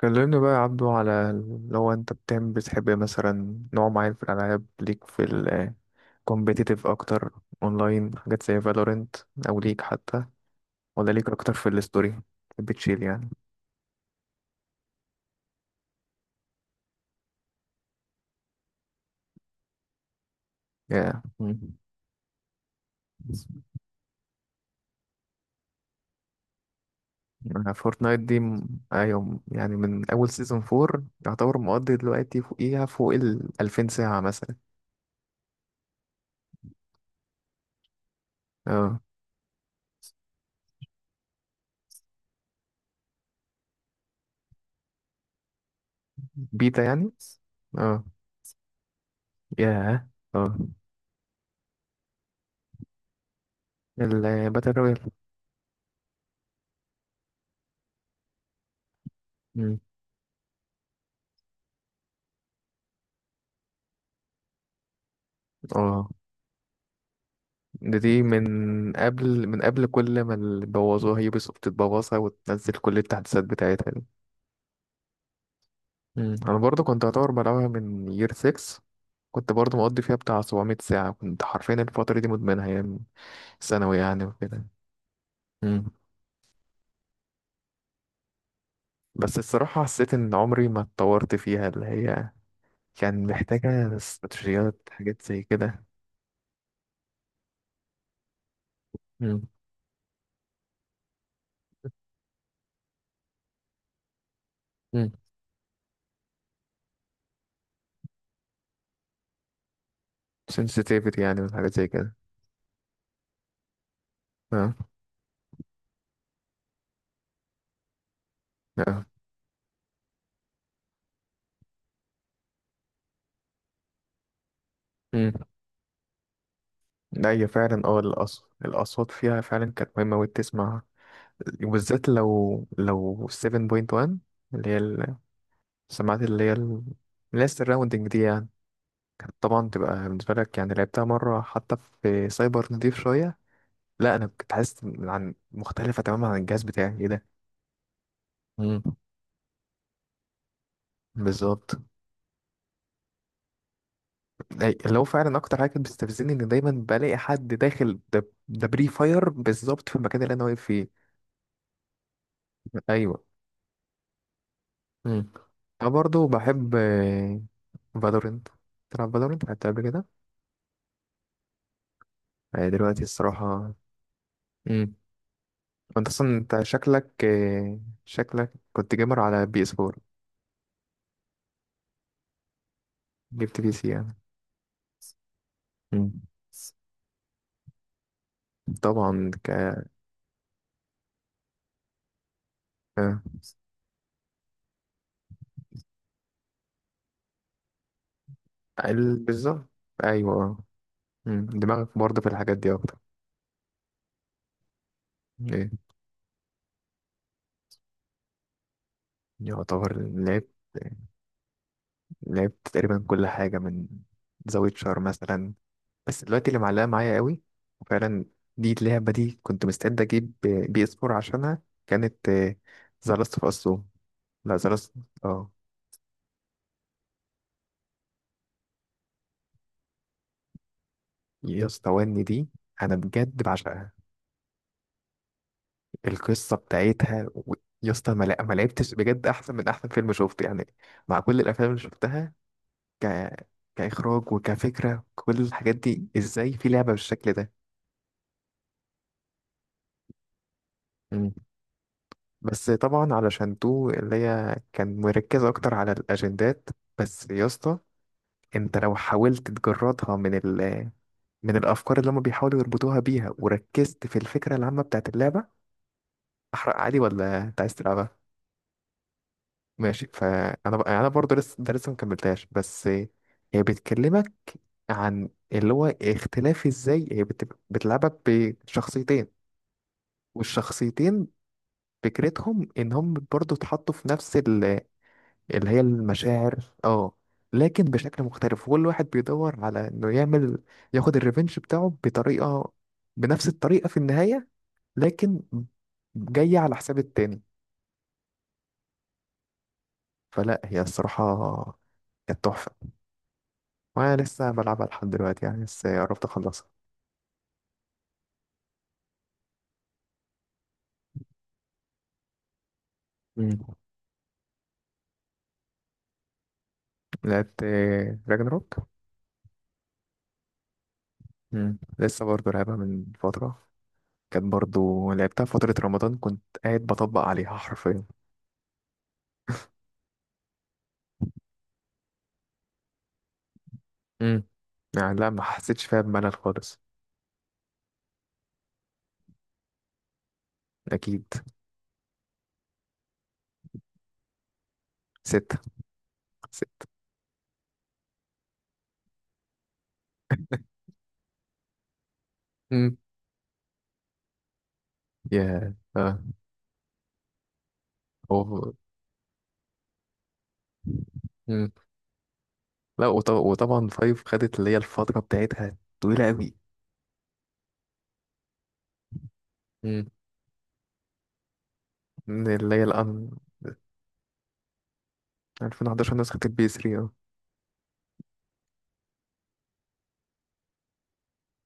كلمني بقى يا عبدو، على لو انت بتحب مثلا نوع معين في الالعاب، ليك في ال competitive اكتر، اونلاين، حاجات زي فالورنت، او ليك حتى، ولا ليك اكتر في الستوري بتشيل يعني؟ يا yeah. فورتنايت دي ايوه، يعني من اول سيزون 4 يعتبر مقضي دلوقتي، فوقيها فوق ال 2000 ساعة مثلا. اه، بيتا يعني. اه. ياه. اه، الباتل رويال. مم. اه، دي من قبل كل ما اللي بوظوها يوبي سوفت تبوظها وتنزل كل التحديثات بتاعتها دي. مم. انا برضو كنت اعتبر بلعبها من يير 6، كنت برضو مقضي فيها بتاع 700 ساعة، كنت حرفيا الفترة دي مدمنها ايام ثانوي يعني وكده. مم. بس الصراحة حسيت ان عمري ما اتطورت فيها، اللي هي كان محتاجة استراتيجيات، حاجات زي كده. مم. مم. sensitivity يعني وحاجات زي كده. اه. اه. مم. لا، هي فعلا اه الأصوات، فيها فعلا كانت مهمة وتسمع، وبالذات لو 7.1، اللي هي السماعات، اللي هي السراوندنج دي يعني، كانت طبعا تبقى بالنسبة لك. يعني لعبتها مرة حتى في سايبر، نضيف شوية. لا أنا كنت حاسس إن مختلفة تماما عن الجهاز بتاعي، إيه ده. مم. بالظبط. اللي هو فعلا أكتر حاجة كانت بتستفزني، إن دايما بلاقي حد داخل ده بري فاير بالظبط في المكان اللي أنا واقف فيه. أيوه. مم. أنا برضه بحب فالورنت. تلعب فالورنت؟ لعبتها قبل كده؟ هي دلوقتي الصراحة، امم، انت اصلا انت شكلك، شكلك كنت جيمر على بي اس 4. جبت بي سي يعني؟ امم. طبعا آه، بالظبط. ايوه. آه. مم. دماغك برضه في الحاجات دي اكتر. ايه؟ يعتبر لعبت تقريبا كل حاجة، من ذا ويتشر مثلا. بس دلوقتي اللي معلقة معايا قوي وفعلا، دي اللعبة دي كنت مستعد أجيب بي اس 4 عشانها، كانت ذا لاست اوف اس. لا، ذا لاست. اه. يا اسطى، وني دي أنا بجد بعشقها، القصة بتاعتها يا اسطى، ما لعبتش بجد أحسن من أحسن فيلم شفته يعني، مع كل الأفلام اللي شفتها. ك... كإخراج وكفكرة، كل الحاجات دي، إزاي في لعبة بالشكل ده. مم. بس طبعا علشان تو اللي هي كان مركزة أكتر على الأجندات، بس يا اسطى، انت لو حاولت تجردها من ال، من الافكار اللي هم بيحاولوا يربطوها بيها، وركزت في الفكره العامه بتاعت اللعبه، احرق عادي ولا انت عايز تلعبها؟ ماشي. فانا بقى، انا برضه لسه، ده لسه مكملتهاش. بس هي بتكلمك عن اللي هو اختلاف، ازاي هي بتلعبها بشخصيتين. والشخصيتين فكرتهم ان هم برضه اتحطوا في نفس اللي هي المشاعر. اه. لكن بشكل مختلف، كل واحد بيدور على انه يعمل، ياخد الريفنج بتاعه بطريقة، بنفس الطريقة في النهاية، لكن جاية على حساب التاني. فلا، هي الصراحة كانت تحفة. وانا لسه بلعبها لحد دلوقتي يعني، بس قربت اخلصها. مم. لعبت راجناروك، لسه برضه لعبها من فترة، كانت برضه لعبتها فترة رمضان، كنت قاعد بطبق عليها حرفيا. امم. يعني لا، ما حسيتش فيها بملل خالص. أكيد. ستة. ستة. مم. يا اه هو. مم. لا وطبعا فايف خدت اللي هي الفترة بتاعتها طويلة أوي. مم. من اللي هي الأن 2011، نسخة البي 3. اه.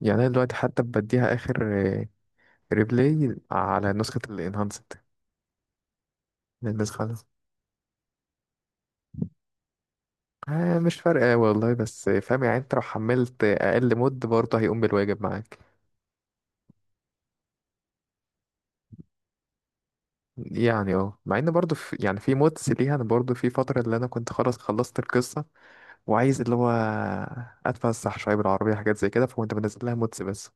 يعني أنا دلوقتي حتى بديها آخر آه، ريبلاي على نسخة الانهانسد. النسخة آه، مش فارقة والله، بس فاهم يعني، انت لو حملت أقل مود برضه هيقوم بالواجب معاك. يعني اه، مع ان برضه في، يعني في مودز ليها، انا برضه في فترة اللي انا كنت خلاص خلصت القصة وعايز اللي هو اتفسح شويه بالعربيه، حاجات زي كده، فكنت بنزل لها مودز بس.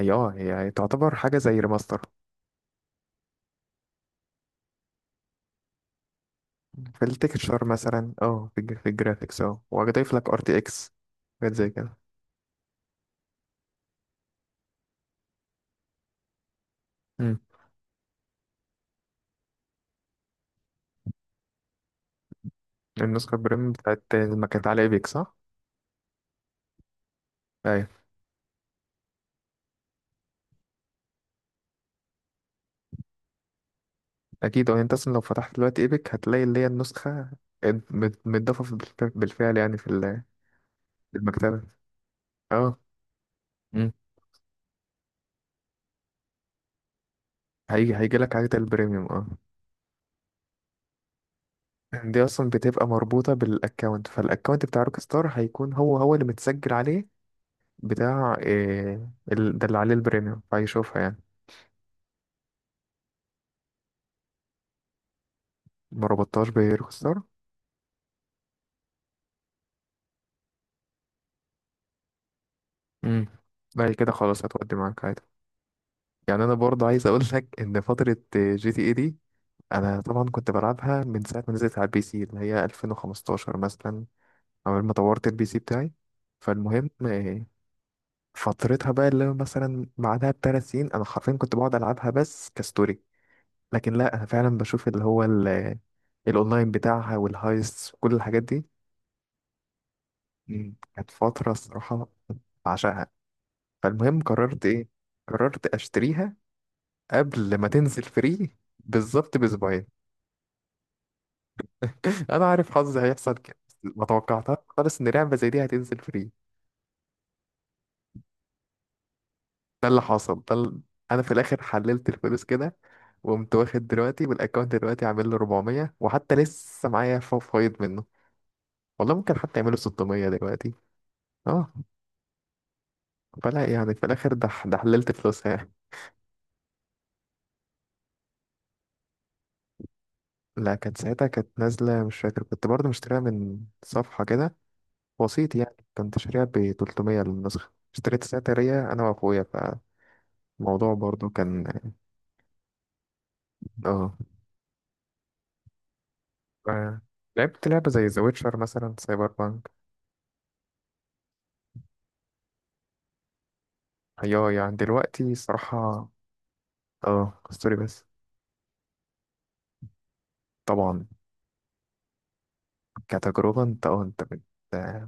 هي اه، هي تعتبر حاجه زي ريماستر، في التكتشر مثلا، اه في في الجرافيكس، اه وهضيف لك ار تي اكس، حاجات زي كده. امم. النسخه البريم بتاعت ما كانت على ايبك، صح؟ ايوه. اكيد اه، انت اصلا لو فتحت دلوقتي ايبك هتلاقي اللي هي النسخه متضافه بالفعل، يعني في في المكتبه. اه. امم. هيجي لك حاجه البريميوم، اه. دي اصلا بتبقى مربوطه بالاكونت، فالاكونت بتاع روك ستار هيكون هو هو اللي متسجل عليه، بتاع إيه ده اللي عليه البريميوم، فهيشوفها يعني. ما ربطتهاش بروك ستار. امم. بعد كده خلاص هتودي معاك عادي. يعني انا برضه عايز اقول لك ان فتره جي تي اي دي، انا طبعا كنت بلعبها من ساعه ما نزلت على البي سي اللي هي 2015 مثلا، اول ما طورت البي سي بتاعي. فالمهم إيه، فترتها بقى اللي هو مثلا بعدها بثلاث سنين، انا حرفيا كنت بقعد العبها بس كستوري. لكن لا، انا فعلا بشوف اللي هو الاونلاين بتاعها والهايست وكل الحاجات دي. مم، كانت فتره الصراحه بعشقها. فالمهم، قررت ايه؟ قررت اشتريها قبل ما تنزل فري بالظبط باسبوعين. انا عارف حظي هيحصل كده. ما توقعتها خالص ان لعبه زي دي هتنزل فري. ده اللي حصل، انا في الاخر حللت الفلوس كده، وقمت واخد دلوقتي، والاكونت دلوقتي عامل له 400، وحتى لسه معايا فايض منه، والله ممكن حتى يعمله 600 دلوقتي. اه. فلا يعني، في الاخر ده حللت فلوسها يعني. لا، كانت ساعتها كانت نازله، مش فاكر، كنت برضه مشتريها من صفحه كده، وسيط يعني، كنت شاريها ب 300 للنسخه، اشتريت ساعتها هي انا واخويا. فالموضوع برضه كان، اه، ف- لعبت لعبه زي ذا ويتشر مثلا، سايبر بانك. ايوه، يعني دلوقتي الصراحه اه، ستوري بس، طبعا كتجربه، انت اه،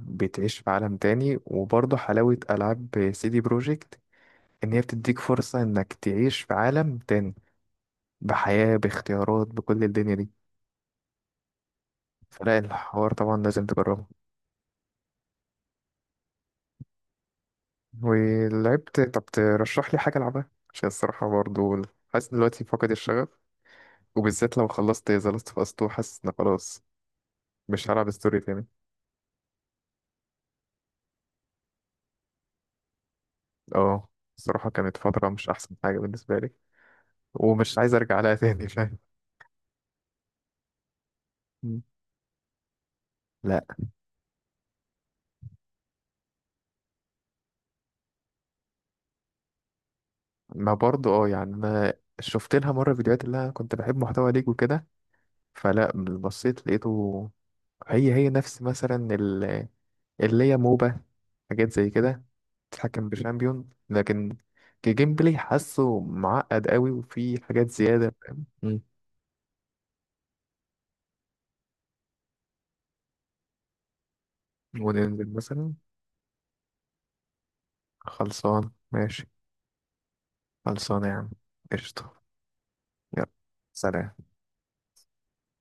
بتعيش في عالم تاني. وبرضه حلاوه العاب سي دي بروجكت، ان هي بتديك فرصه انك تعيش في عالم تاني، بحياة، باختيارات، بكل الدنيا دي. فلا، الحوار طبعا لازم تجربه. ولعبت، طب ترشح لي حاجة ألعبها، عشان الصراحة برضه حاسس دلوقتي فقد الشغف. وبالذات لو خلصت ذا لاست اوف اس 2، حاسس إن خلاص مش هلعب ستوري تاني. اه، الصراحة كانت فترة مش أحسن حاجة بالنسبة لي، ومش عايز أرجع لها تاني، فاهم. مم. لا. ما برضه اه يعني أنا شفت لها مرة فيديوهات، اللي أنا كنت بحب محتوى ليج وكده. فلا، بصيت لقيته، هي هي نفس مثلا اللي هي موبا، حاجات زي كده، تتحكم بشامبيون، لكن كجيم بلاي حاسه معقد قوي وفي حاجات زيادة، فاهم. مم. وننزل مثلا، خلصان ماشي، خلصان يا عم، قشطة، يلا، سلام.